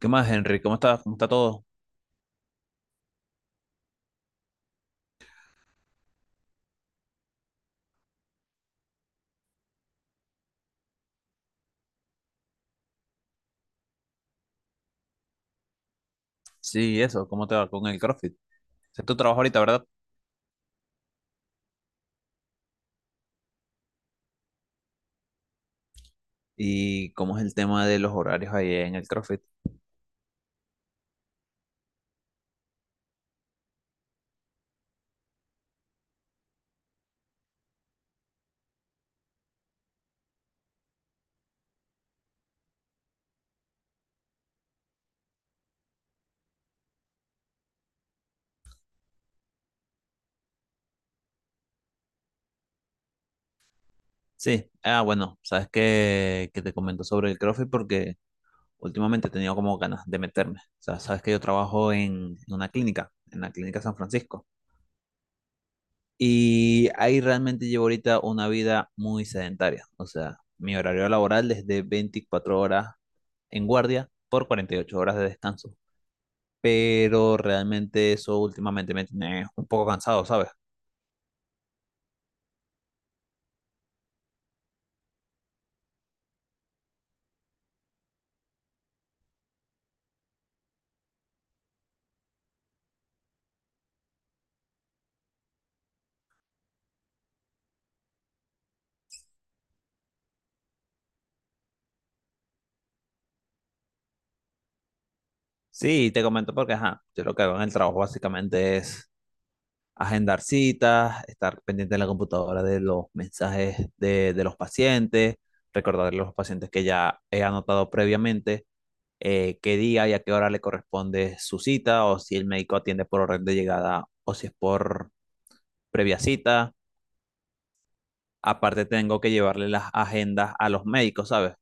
¿Qué más, Henry? ¿Cómo estás? ¿Cómo está todo? Sí, eso, ¿cómo te va con el CrossFit? Ese es tu trabajo ahorita, ¿verdad? ¿Y cómo es el tema de los horarios ahí en el CrossFit? Sí, ah, bueno, sabes que te comento sobre el CrossFit porque últimamente he tenido como ganas de meterme. O sea, sabes que yo trabajo en una clínica, en la clínica San Francisco. Y ahí realmente llevo ahorita una vida muy sedentaria. O sea, mi horario laboral es de 24 horas en guardia por 48 horas de descanso. Pero realmente eso últimamente me tiene un poco cansado, ¿sabes? Sí, te comento porque, ajá, yo lo que hago en el trabajo básicamente es agendar citas, estar pendiente en la computadora de los mensajes de los pacientes, recordarle a los pacientes que ya he anotado previamente, qué día y a qué hora le corresponde su cita, o si el médico atiende por orden de llegada o si es por previa cita. Aparte tengo que llevarle las agendas a los médicos, ¿sabes?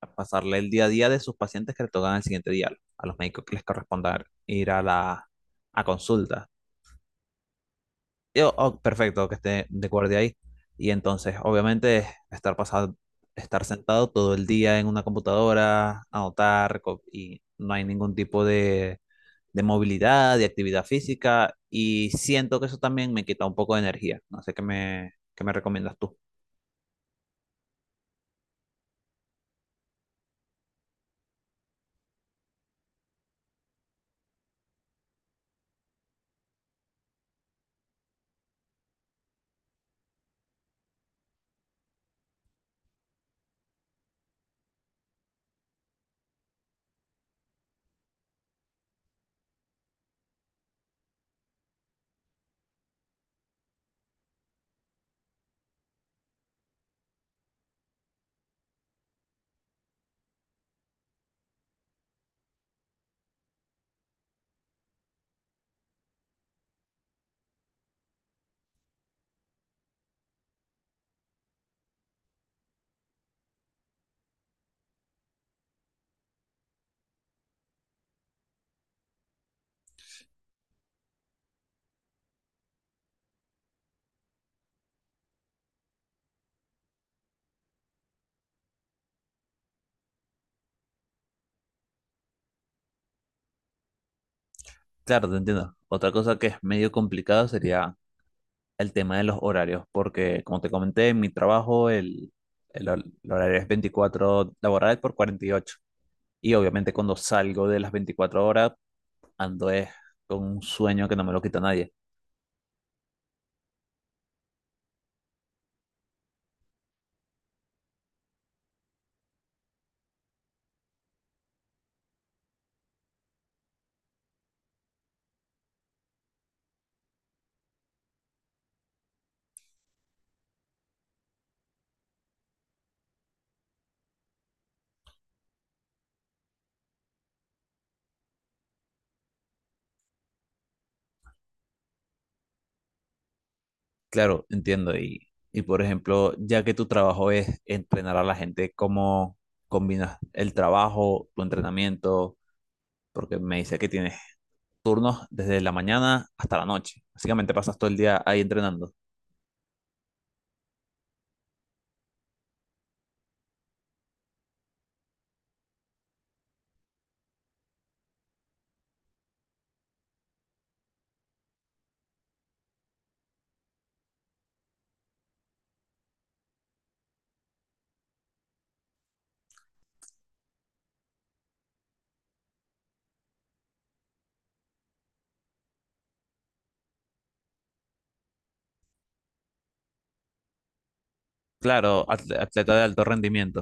A pasarle el día a día de sus pacientes que le tocan el siguiente día, a los médicos que les corresponda ir a la a consulta. Yo, oh, perfecto, que esté de guardia ahí. Y entonces, obviamente, estar pasado, estar sentado todo el día en una computadora, anotar, y no hay ningún tipo de movilidad, de actividad física, y siento que eso también me quita un poco de energía. No sé qué me recomiendas tú. Claro, te entiendo. Otra cosa que es medio complicado sería el tema de los horarios, porque como te comenté, en mi trabajo el horario es 24 laborales por cuarenta y ocho, y obviamente cuando salgo de las 24 horas, ando es con un sueño que no me lo quita nadie. Claro, entiendo. Y por ejemplo, ya que tu trabajo es entrenar a la gente, ¿cómo combinas el trabajo, tu entrenamiento? Porque me dice que tienes turnos desde la mañana hasta la noche. Básicamente pasas todo el día ahí entrenando. Claro, atleta de alto rendimiento,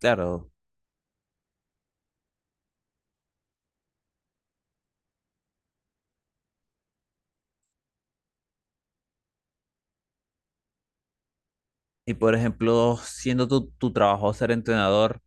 claro. Y por ejemplo, siendo tu trabajo ser entrenador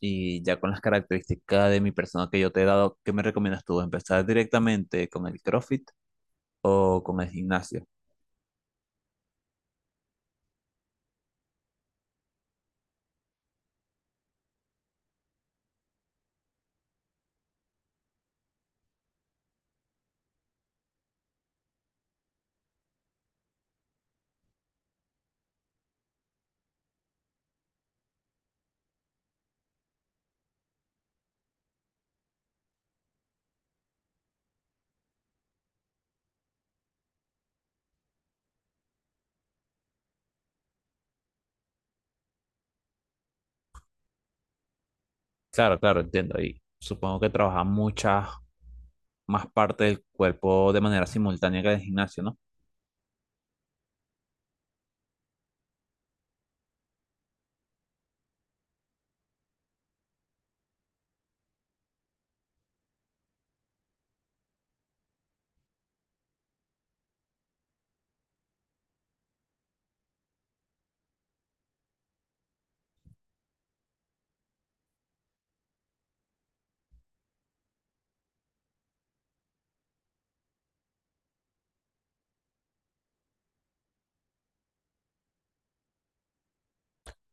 y ya con las características de mi persona que yo te he dado, ¿qué me recomiendas tú? ¿Empezar directamente con el CrossFit o con el gimnasio? Claro, claro, entiendo. Y supongo que trabaja muchas más partes del cuerpo de manera simultánea que en el gimnasio, ¿no?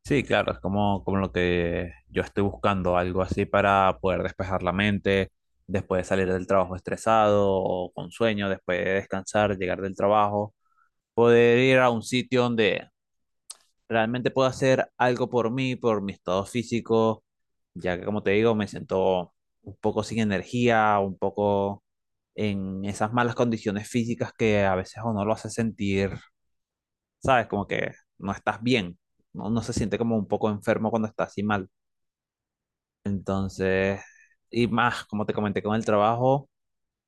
Sí, claro, es como, como lo que yo estoy buscando, algo así para poder despejar la mente, después de salir del trabajo estresado o con sueño, después de descansar, llegar del trabajo, poder ir a un sitio donde realmente pueda hacer algo por mí, por mi estado físico, ya que como te digo, me siento un poco sin energía, un poco en esas malas condiciones físicas que a veces uno lo hace sentir, ¿sabes? Como que no estás bien, no, no se siente como un poco enfermo cuando estás así mal. Entonces, y más, como te comenté con el trabajo,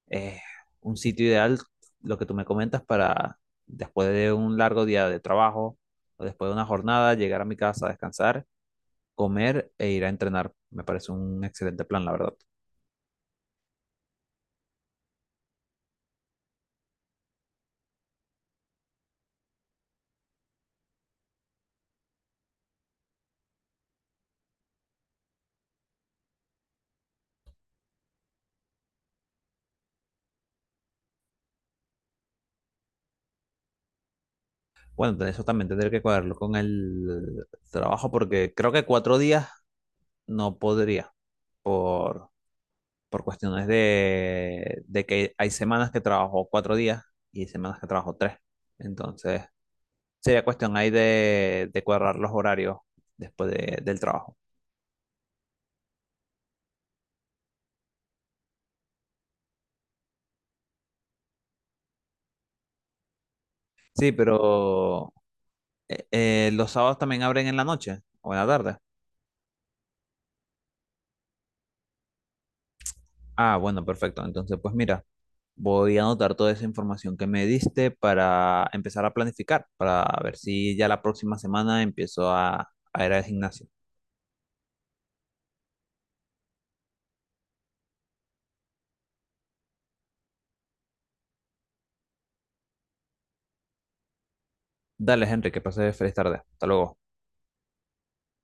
es un sitio ideal, lo que tú me comentas, para después de un largo día de trabajo o después de una jornada, llegar a mi casa, descansar, comer e ir a entrenar. Me parece un excelente plan, la verdad. Bueno, entonces eso también tendré que cuadrarlo con el trabajo porque creo que 4 días no podría por, por cuestiones de que hay semanas que trabajo 4 días y semanas que trabajo tres. Entonces, sería cuestión ahí de cuadrar los horarios del trabajo. Sí, pero los sábados también abren en la noche o en la tarde. Ah, bueno, perfecto. Entonces, pues mira, voy a anotar toda esa información que me diste para empezar a planificar, para ver si ya la próxima semana empiezo a ir al gimnasio. Dale, Henry, que pases feliz tarde. Hasta luego.